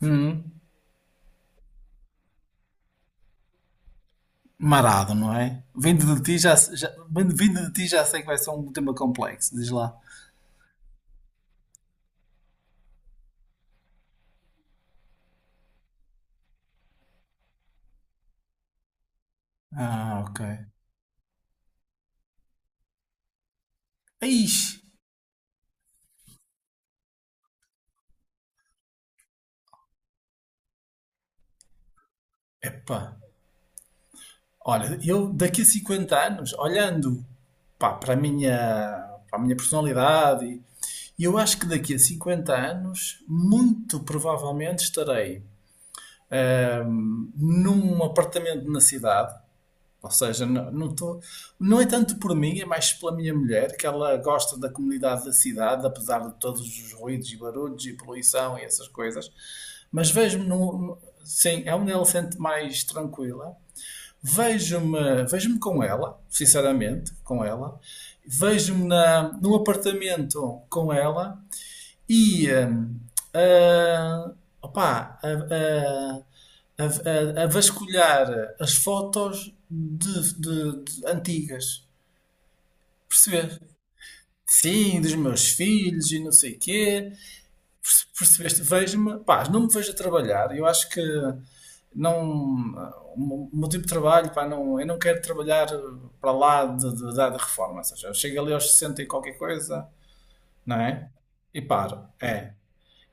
Hum. Marado, não é? Vindo de ti já, se- já, vindo de ti já sei que vai ser um tema complexo, diz lá. Ah, ok. Ixi, epá. Olha, eu daqui a 50 anos, olhando pá, para a minha personalidade, eu acho que daqui a 50 anos, muito provavelmente estarei num apartamento na cidade. Ou seja, não, não, não é tanto por mim, é mais pela minha mulher, que ela gosta da comunidade da cidade, apesar de todos os ruídos e barulhos e poluição e essas coisas. Mas vejo-me num. Sim, é onde ela se sente mais tranquila. Vejo-me com ela, sinceramente, com ela. Vejo-me num apartamento com ela e ah, opá, a vasculhar as fotos de, de antigas, perceber? Sim, dos meus filhos e não sei quê. Percebeste? Vejo-me, pá, não me vejo a trabalhar. Eu acho que não, o meu tipo de trabalho, pá, não, eu não quero trabalhar para lá da reforma. Ou seja, eu chego ali aos 60 e qualquer coisa, não é? E paro. É.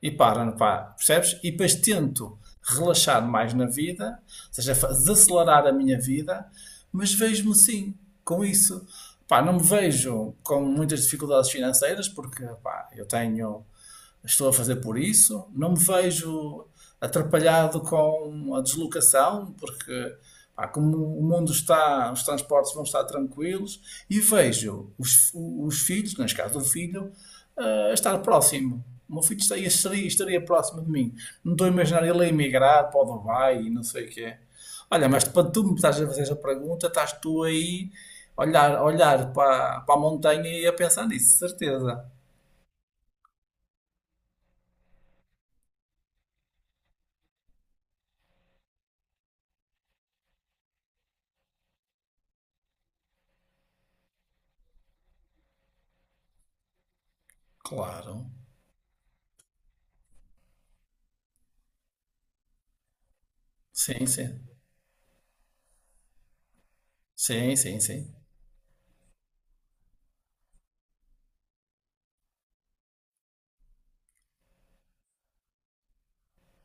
E para, pá, percebes? E depois tento relaxar mais na vida, ou seja, desacelerar a minha vida, mas vejo-me sim com isso. Pá, não me vejo com muitas dificuldades financeiras, porque pá, eu tenho estou a fazer por isso, não me vejo atrapalhado com a deslocação, porque pá, como o mundo está, os transportes vão estar tranquilos, e vejo os filhos, neste caso o filho, a estar próximo. O meu filho estaria próximo de mim. Não estou a imaginar ele a emigrar para o Dubai e não sei o que é. Olha, mas para tu me estás a fazer essa pergunta, estás tu aí a olhar para a montanha e a pensar nisso, certeza. Claro. Sim, sim. Sim, sim, sim.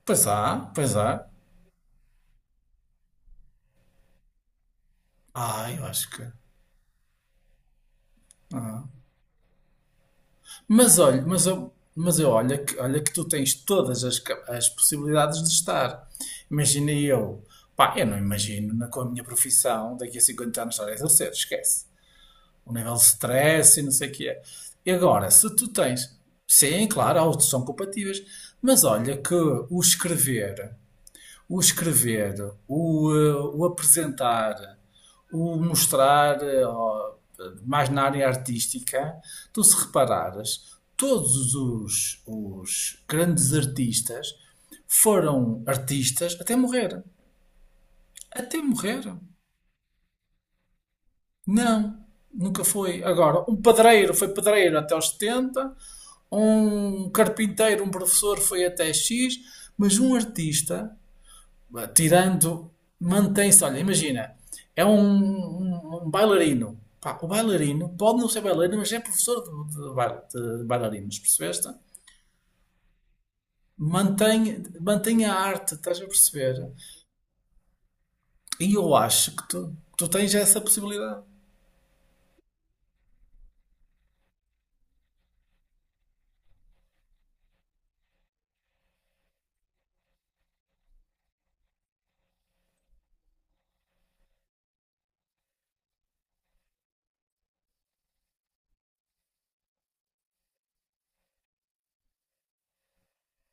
Pois há, pois há. Ah, eu acho que. Ah. Mas olha, mas eu olha que tu tens todas as possibilidades de estar. Imagina eu. Pá, eu não imagino com a minha profissão daqui a 50 anos estar a exercer, esquece. O nível de stress e não sei o que é. E agora, se tu tens. Sim, claro, há outros que são compatíveis. Mas olha que o escrever. O escrever, o apresentar, o mostrar, ó, mais na área artística, tu se reparares, todos os grandes artistas foram artistas até morrer. Até morrer. Não, nunca foi. Agora, um padreiro foi padreiro até aos setenta, um carpinteiro, um professor foi até X, mas um artista tirando, mantém-se. Olha, imagina, é um bailarino. Pá, o bailarino pode não ser bailarino, mas é professor de bailarinos, percebeste? Mantém, mantém a arte, estás a perceber? E eu acho que tu tens essa possibilidade.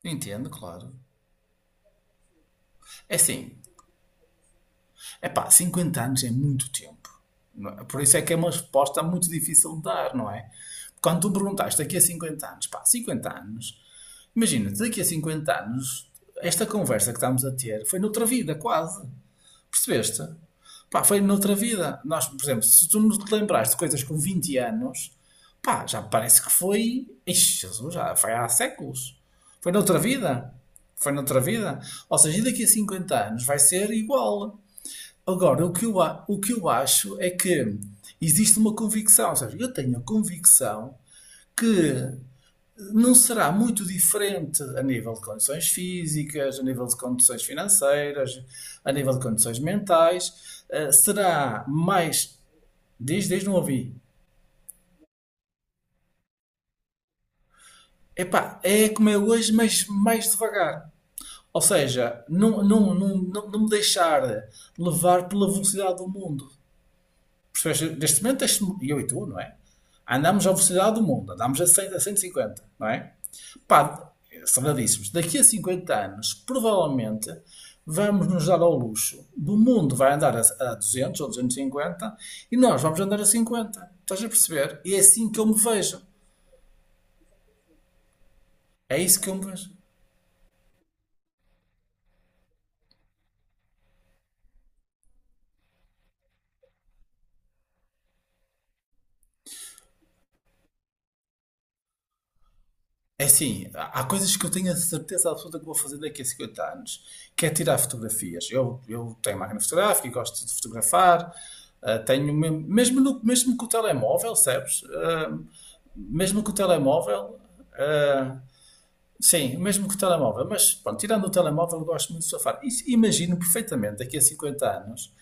Entendo, claro. É assim, é pá, cinquenta anos é muito tempo. Não é? Por isso é que é uma resposta muito difícil de dar, não é? Quando tu me perguntaste daqui a 50 anos, pá, 50 anos, imagina, daqui a 50 anos, esta conversa que estamos a ter foi noutra vida, quase. Percebeste? Pá, foi noutra vida. Nós, por exemplo, se tu nos lembraste de coisas com 20 anos, pá, já parece que foi. Ixi, Jesus, já foi há séculos. Foi noutra vida. Foi noutra vida. Ou seja, e daqui a 50 anos vai ser igual. Agora, o que eu acho é que existe uma convicção. Ou seja, eu tenho a convicção que não será muito diferente a nível de condições físicas, a nível de condições financeiras, a nível de condições mentais. Será mais. Diz, diz, não ouvi. Epá, é como é hoje, mas mais devagar. Ou seja, não, não, não, não, não me deixar levar pela velocidade do mundo. Percebes? Neste momento, eu e tu, não é? Andamos à velocidade do mundo, andamos a 100, a 150, não é? Pá, são daqui a 50 anos, provavelmente, vamos nos dar ao luxo. O mundo vai andar a 200 ou 250 e cinquenta e nós vamos andar a 50. Estás a perceber? E é assim que eu me vejo. É isso que eu me vejo. É assim, há coisas que eu tenho a certeza absoluta que vou fazer daqui a 50 anos, que é tirar fotografias. Eu tenho máquina fotográfica, e gosto de fotografar, tenho mesmo, mesmo, mesmo com o telemóvel, sabes? Ah, mesmo com o telemóvel. Uh, Sim, o mesmo que o telemóvel, mas pronto, tirando o telemóvel, eu gosto muito de surfar. E imagino perfeitamente daqui a 50 anos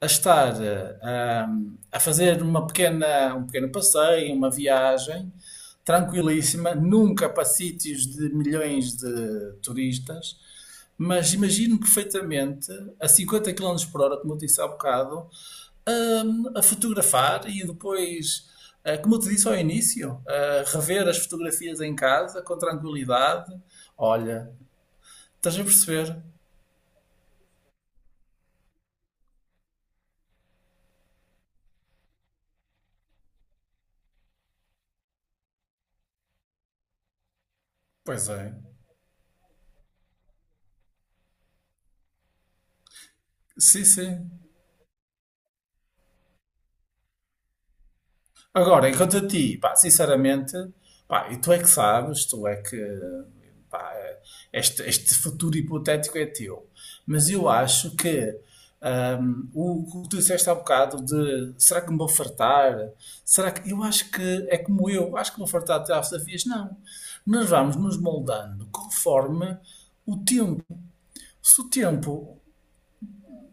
a estar ah, a fazer um pequeno passeio, uma viagem tranquilíssima, nunca para sítios de milhões de turistas, mas imagino perfeitamente a 50 km por hora, como eu disse há bocado, a fotografar e depois, como eu te disse ao início, rever as fotografias em casa com tranquilidade. Olha, estás a perceber? Pois é. Sim, sim. Agora, enquanto a ti, pá, sinceramente, pá, e tu é que sabes, tu é que, pá, este futuro hipotético é teu. Mas eu acho que o que tu disseste há bocado de será que me vou fartar? Será que. Eu acho que é como eu, acho que vou fartar até às desafios. Não. Nós vamos nos moldando conforme o tempo. Se o tempo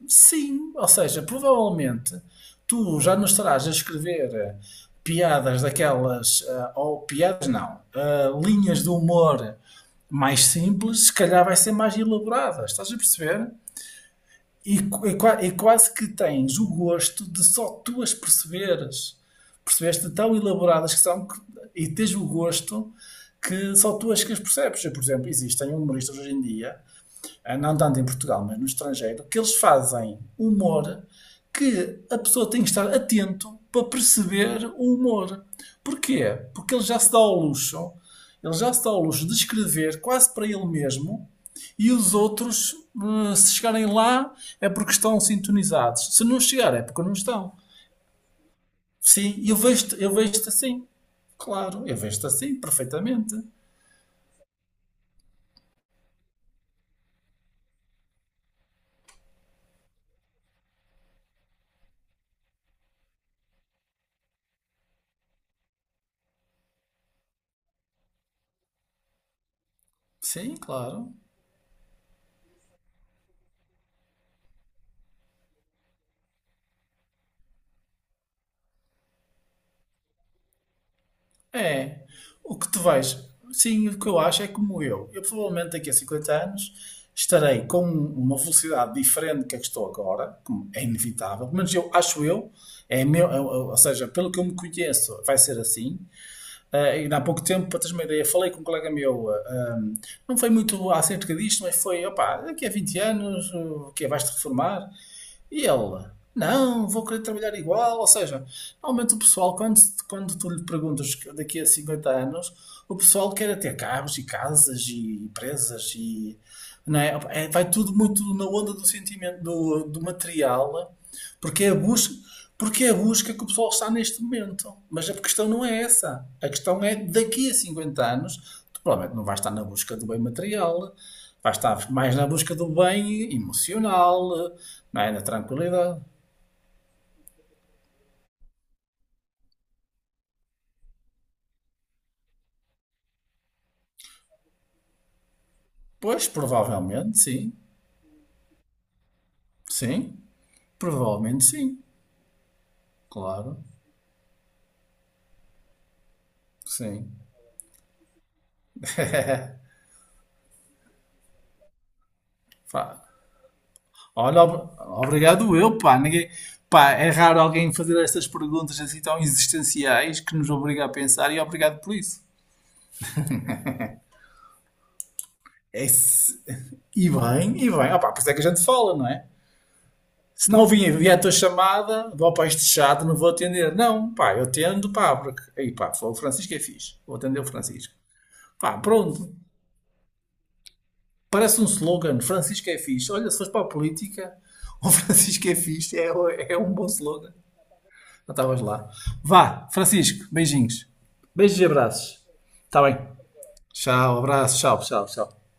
Sim, ou seja, provavelmente tu já não estarás a escrever piadas daquelas, ou piadas não, linhas de humor mais simples, se calhar vai ser mais elaborada, estás a perceber? E quase que tens o gosto de só tu as perceberes, percebeste? Tão elaboradas que são, e tens o gosto que só tu as que as percebes. Eu, por exemplo, existem humoristas hoje em dia não tanto em Portugal, mas no estrangeiro, que eles fazem humor que a pessoa tem que estar atento para perceber o humor. Porquê? Porque ele já se dá ao luxo, ele já se dá ao luxo de escrever quase para ele mesmo e os outros, se chegarem lá, é porque estão sintonizados. Se não chegar, é porque não estão. Sim, eu vejo-te assim. Claro, eu vejo-te assim, perfeitamente. Sim, claro. É. O que tu vais. Sim, o que eu acho é como eu. Eu provavelmente daqui a 50 anos estarei com uma velocidade diferente que a que estou agora, como é inevitável, mas eu acho é meu, ou seja, pelo que eu me conheço, vai ser assim. Ah, e há pouco tempo, para teres uma ideia, falei com um colega meu, não foi muito acerca disto, mas foi, opá, daqui a 20 anos, o que é? Vais-te reformar? E ele, não, vou querer trabalhar igual. Ou seja, normalmente o pessoal, quando tu lhe perguntas daqui a 50 anos, o pessoal quer é ter carros e casas e empresas e. Não é? Vai tudo muito na onda do sentimento, do material, porque é a busca, porque é a busca que o pessoal está neste momento. Mas a questão não é essa. A questão é daqui a 50 anos, tu provavelmente não vais estar na busca do bem material, vais estar mais na busca do bem emocional, não é? Na tranquilidade. Pois, provavelmente, sim. Sim, provavelmente sim. Claro, sim. Pá, olha, obrigado eu, pá. Ninguém, pá. É raro alguém fazer estas perguntas assim tão existenciais que nos obriga a pensar e obrigado por isso. É. E bem, e bem. Ah, pá, por isso é que a gente fala, não é? Se não vier a tua chamada, vou para este chato, não vou atender. Não, pá, eu atendo, pá, porque. Aí, pá, foi o Francisco é fixe. Vou atender o Francisco. Pá, pronto. Parece um slogan, Francisco é fixe. Olha, se fores para a política, o Francisco é fixe, é um bom slogan. Já estavas lá. Vá, Francisco, beijinhos. Beijos e abraços. Está bem. Tchau, abraço, tchau. Tchau, tchau.